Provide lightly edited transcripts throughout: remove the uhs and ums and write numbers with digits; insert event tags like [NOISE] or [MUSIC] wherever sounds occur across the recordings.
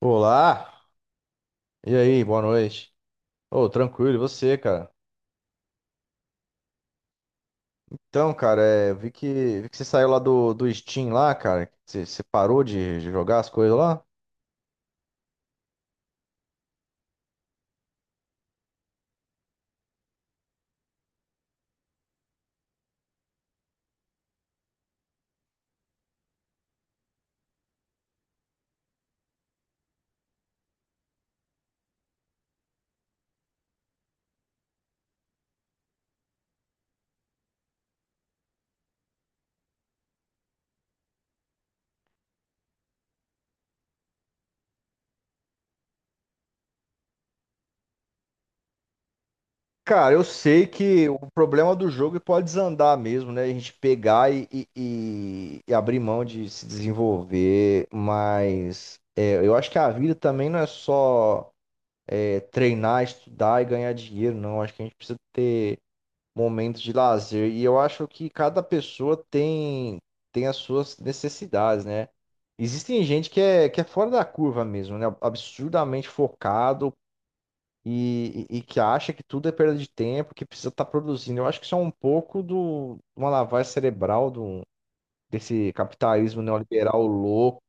Olá! E aí, boa noite. Ô, tranquilo, e você, cara? Então, cara, eu vi que você saiu lá do, do Steam lá, cara. Você parou de jogar as coisas lá? Cara, eu sei que o problema do jogo pode desandar mesmo, né? A gente pegar e abrir mão de se desenvolver, mas eu acho que a vida também não é só treinar, estudar e ganhar dinheiro, não. Acho que a gente precisa momento de lazer. E eu acho que cada pessoa tem, as suas necessidades, né? Existem gente que é fora da curva mesmo, né? Absurdamente focado e que acha que tudo é perda de tempo, que precisa estar produzindo. Eu acho que isso é um pouco do uma lavagem cerebral do, desse capitalismo neoliberal louco.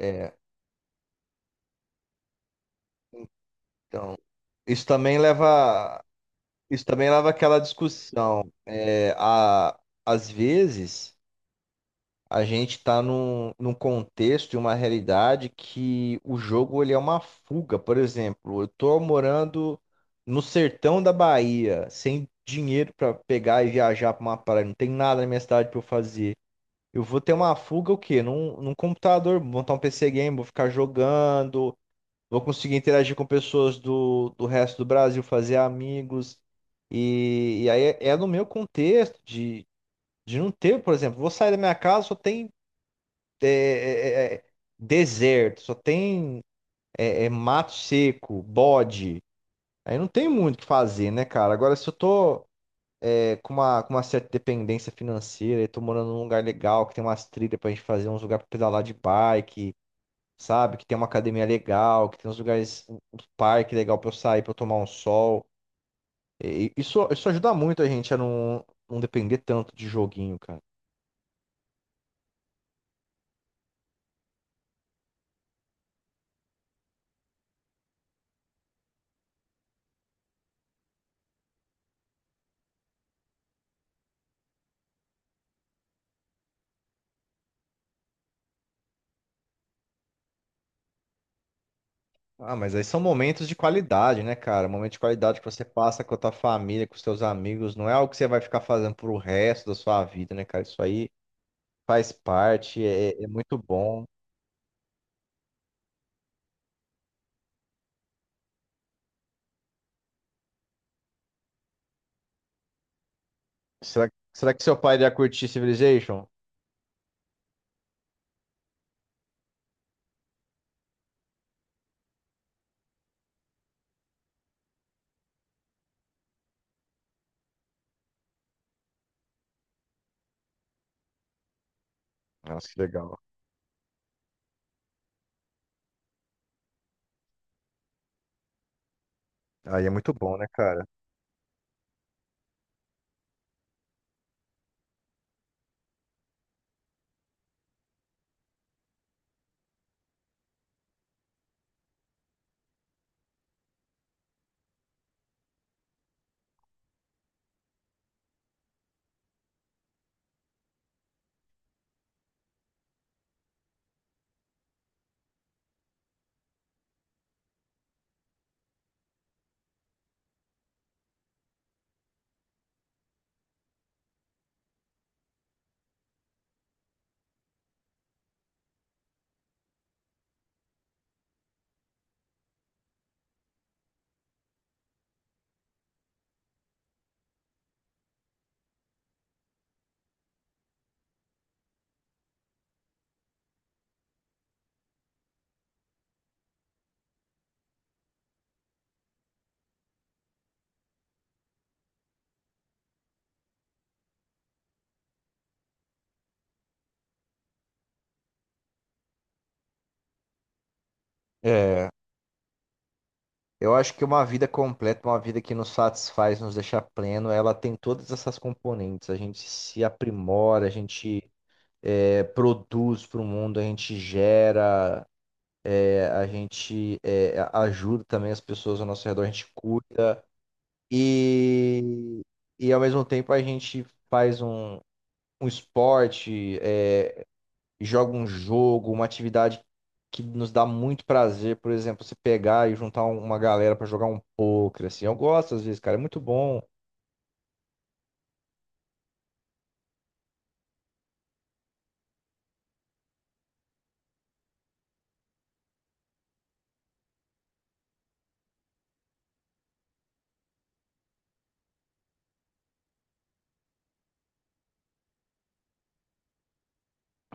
É, então, isso também leva, isso também leva àquela discussão. É, a, às vezes. A gente está num contexto e uma realidade que o jogo ele é uma fuga. Por exemplo, eu estou morando no sertão da Bahia, sem dinheiro para pegar e viajar para uma praia, não tem nada na minha cidade para eu fazer. Eu vou ter uma fuga o quê? Num computador, vou montar um PC game, vou ficar jogando, vou conseguir interagir com pessoas do, do resto do Brasil, fazer amigos. E aí é no meu contexto de não ter, por exemplo, vou sair da minha casa, só tem é, é, é, deserto, só tem mato seco, bode. Aí não tem muito o que fazer, né, cara? Agora, se eu tô com uma certa dependência financeira e tô morando num lugar legal, que tem umas trilhas pra gente fazer, uns lugares pra pedalar de bike, sabe? Que tem uma academia legal, que tem uns lugares, um parque legal pra eu sair, pra eu tomar um sol. E isso, isso ajuda muito a gente a não, não depender tanto de joguinho, cara. Ah, mas aí são momentos de qualidade, né, cara? Momento de qualidade que você passa com a tua família, com os teus amigos, não é algo que você vai ficar fazendo pro resto da sua vida, né, cara? Isso aí faz parte, é, é muito bom. Será, será que seu pai iria curtir Civilization? Nossa, que legal. Aí é muito bom, né, cara? É. Eu acho que uma vida completa, uma vida que nos satisfaz, nos deixa pleno, ela tem todas essas componentes. A gente se aprimora, a gente produz para o mundo, a gente gera. É, a gente ajuda também as pessoas ao nosso redor, a gente cuida e, e ao mesmo tempo a gente faz um, um esporte, é, joga um jogo, uma atividade que nos dá muito prazer, por exemplo, você pegar e juntar uma galera pra jogar um poker, assim, eu gosto às vezes, cara, é muito bom.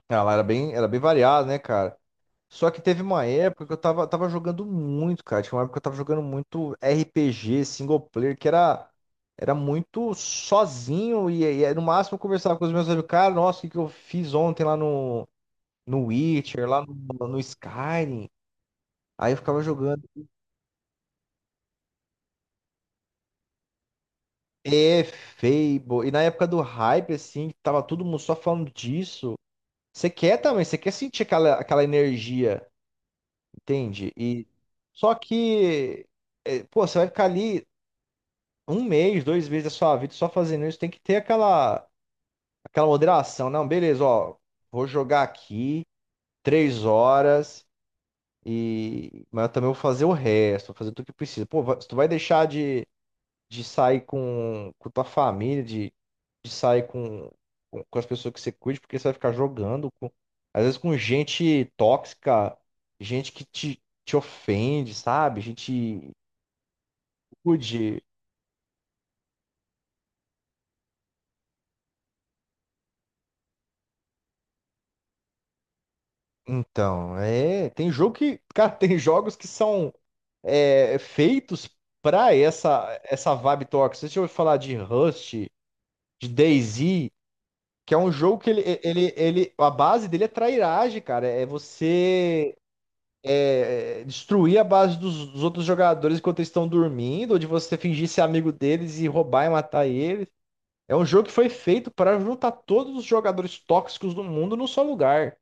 Ela era bem variada, né, cara? Só que teve uma época que eu tava, tava jogando muito, cara. Tinha uma época que eu tava jogando muito RPG, single player, que era, era muito sozinho. E no máximo eu conversava com os meus amigos, cara, nossa, o que, que eu fiz ontem lá no Witcher, lá no Skyrim. Aí eu ficava jogando. É, Fable. E na época do hype, assim, que tava todo mundo só falando disso. Você quer também, você quer sentir aquela, aquela energia, entende? E só que. É, pô, você vai ficar ali. Um mês, dois meses da sua vida só fazendo isso, tem que ter aquela, aquela moderação. Não, beleza, ó, vou jogar aqui 3 horas e mas eu também vou fazer o resto, vou fazer tudo que precisa. Pô, se tu vai deixar de sair com tua família, de sair com, com as pessoas que você curte, porque você vai ficar jogando, com, às vezes com gente tóxica, gente que te ofende, sabe? Gente rude. Então, é, tem jogo que, [LAUGHS] cara, tem jogos que são feitos pra essa vibe tóxica. Você já ouviu falar de Rust, de DayZ, que é um jogo que ele a base dele é trairagem, cara. É você destruir a base dos, dos outros jogadores enquanto eles estão dormindo, ou de você fingir ser amigo deles e roubar e matar eles. É um jogo que foi feito para juntar todos os jogadores tóxicos do mundo num só lugar,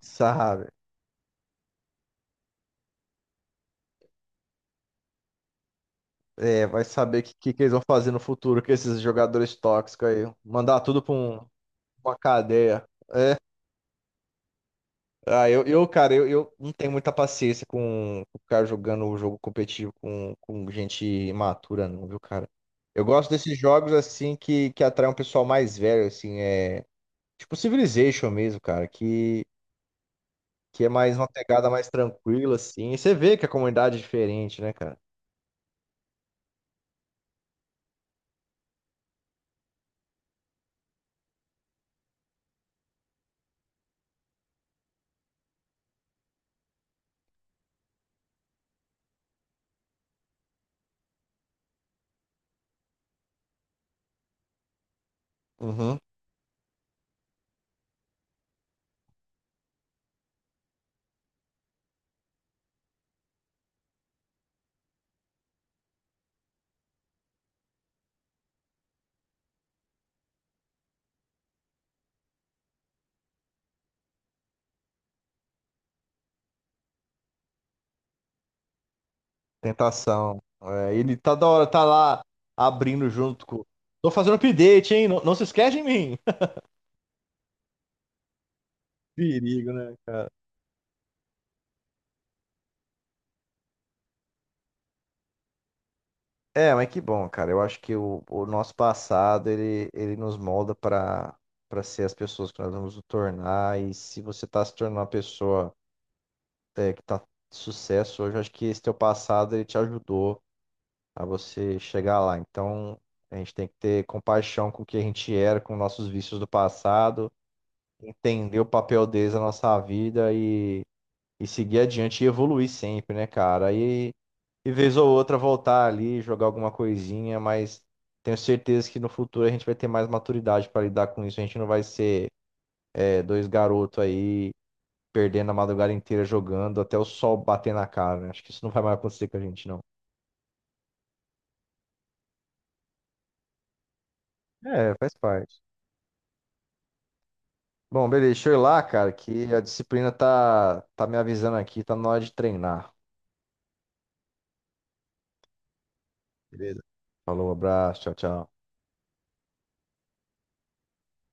sabe? É, vai saber o que, que eles vão fazer no futuro com esses jogadores tóxicos aí. Mandar tudo pra uma cadeia. Ah, eu cara, eu não tenho muita paciência com o cara jogando o jogo competitivo com gente imatura, não, viu, cara? Eu gosto desses jogos, assim, que atraem um pessoal mais velho, assim, é... Tipo Civilization mesmo, cara, que é mais uma pegada mais tranquila, assim. E você vê que a comunidade é diferente, né, cara? Uhum. Tentação. É, ele tá da hora, tá lá abrindo junto com. Tô fazendo update, hein? Não, não se esquece de mim. [LAUGHS] Perigo, né, cara? É, mas que bom, cara. Eu acho que o nosso passado ele nos molda para para ser as pessoas que nós vamos nos tornar. E se você tá se tornando uma pessoa que tá de sucesso hoje, eu acho que esse teu passado ele te ajudou a você chegar lá. Então a gente tem que ter compaixão com o que a gente era, com nossos vícios do passado. Entender o papel deles na nossa vida e seguir adiante e evoluir sempre, né, cara? E vez ou outra voltar ali, jogar alguma coisinha, mas tenho certeza que no futuro a gente vai ter mais maturidade para lidar com isso. A gente não vai ser dois garotos aí perdendo a madrugada inteira jogando até o sol bater na cara, né? Acho que isso não vai mais acontecer com a gente, não. É, faz parte. Bom, beleza, deixa eu ir lá, cara, que a disciplina tá, tá me avisando aqui, tá na hora de treinar. Beleza. Falou, abraço, tchau, tchau.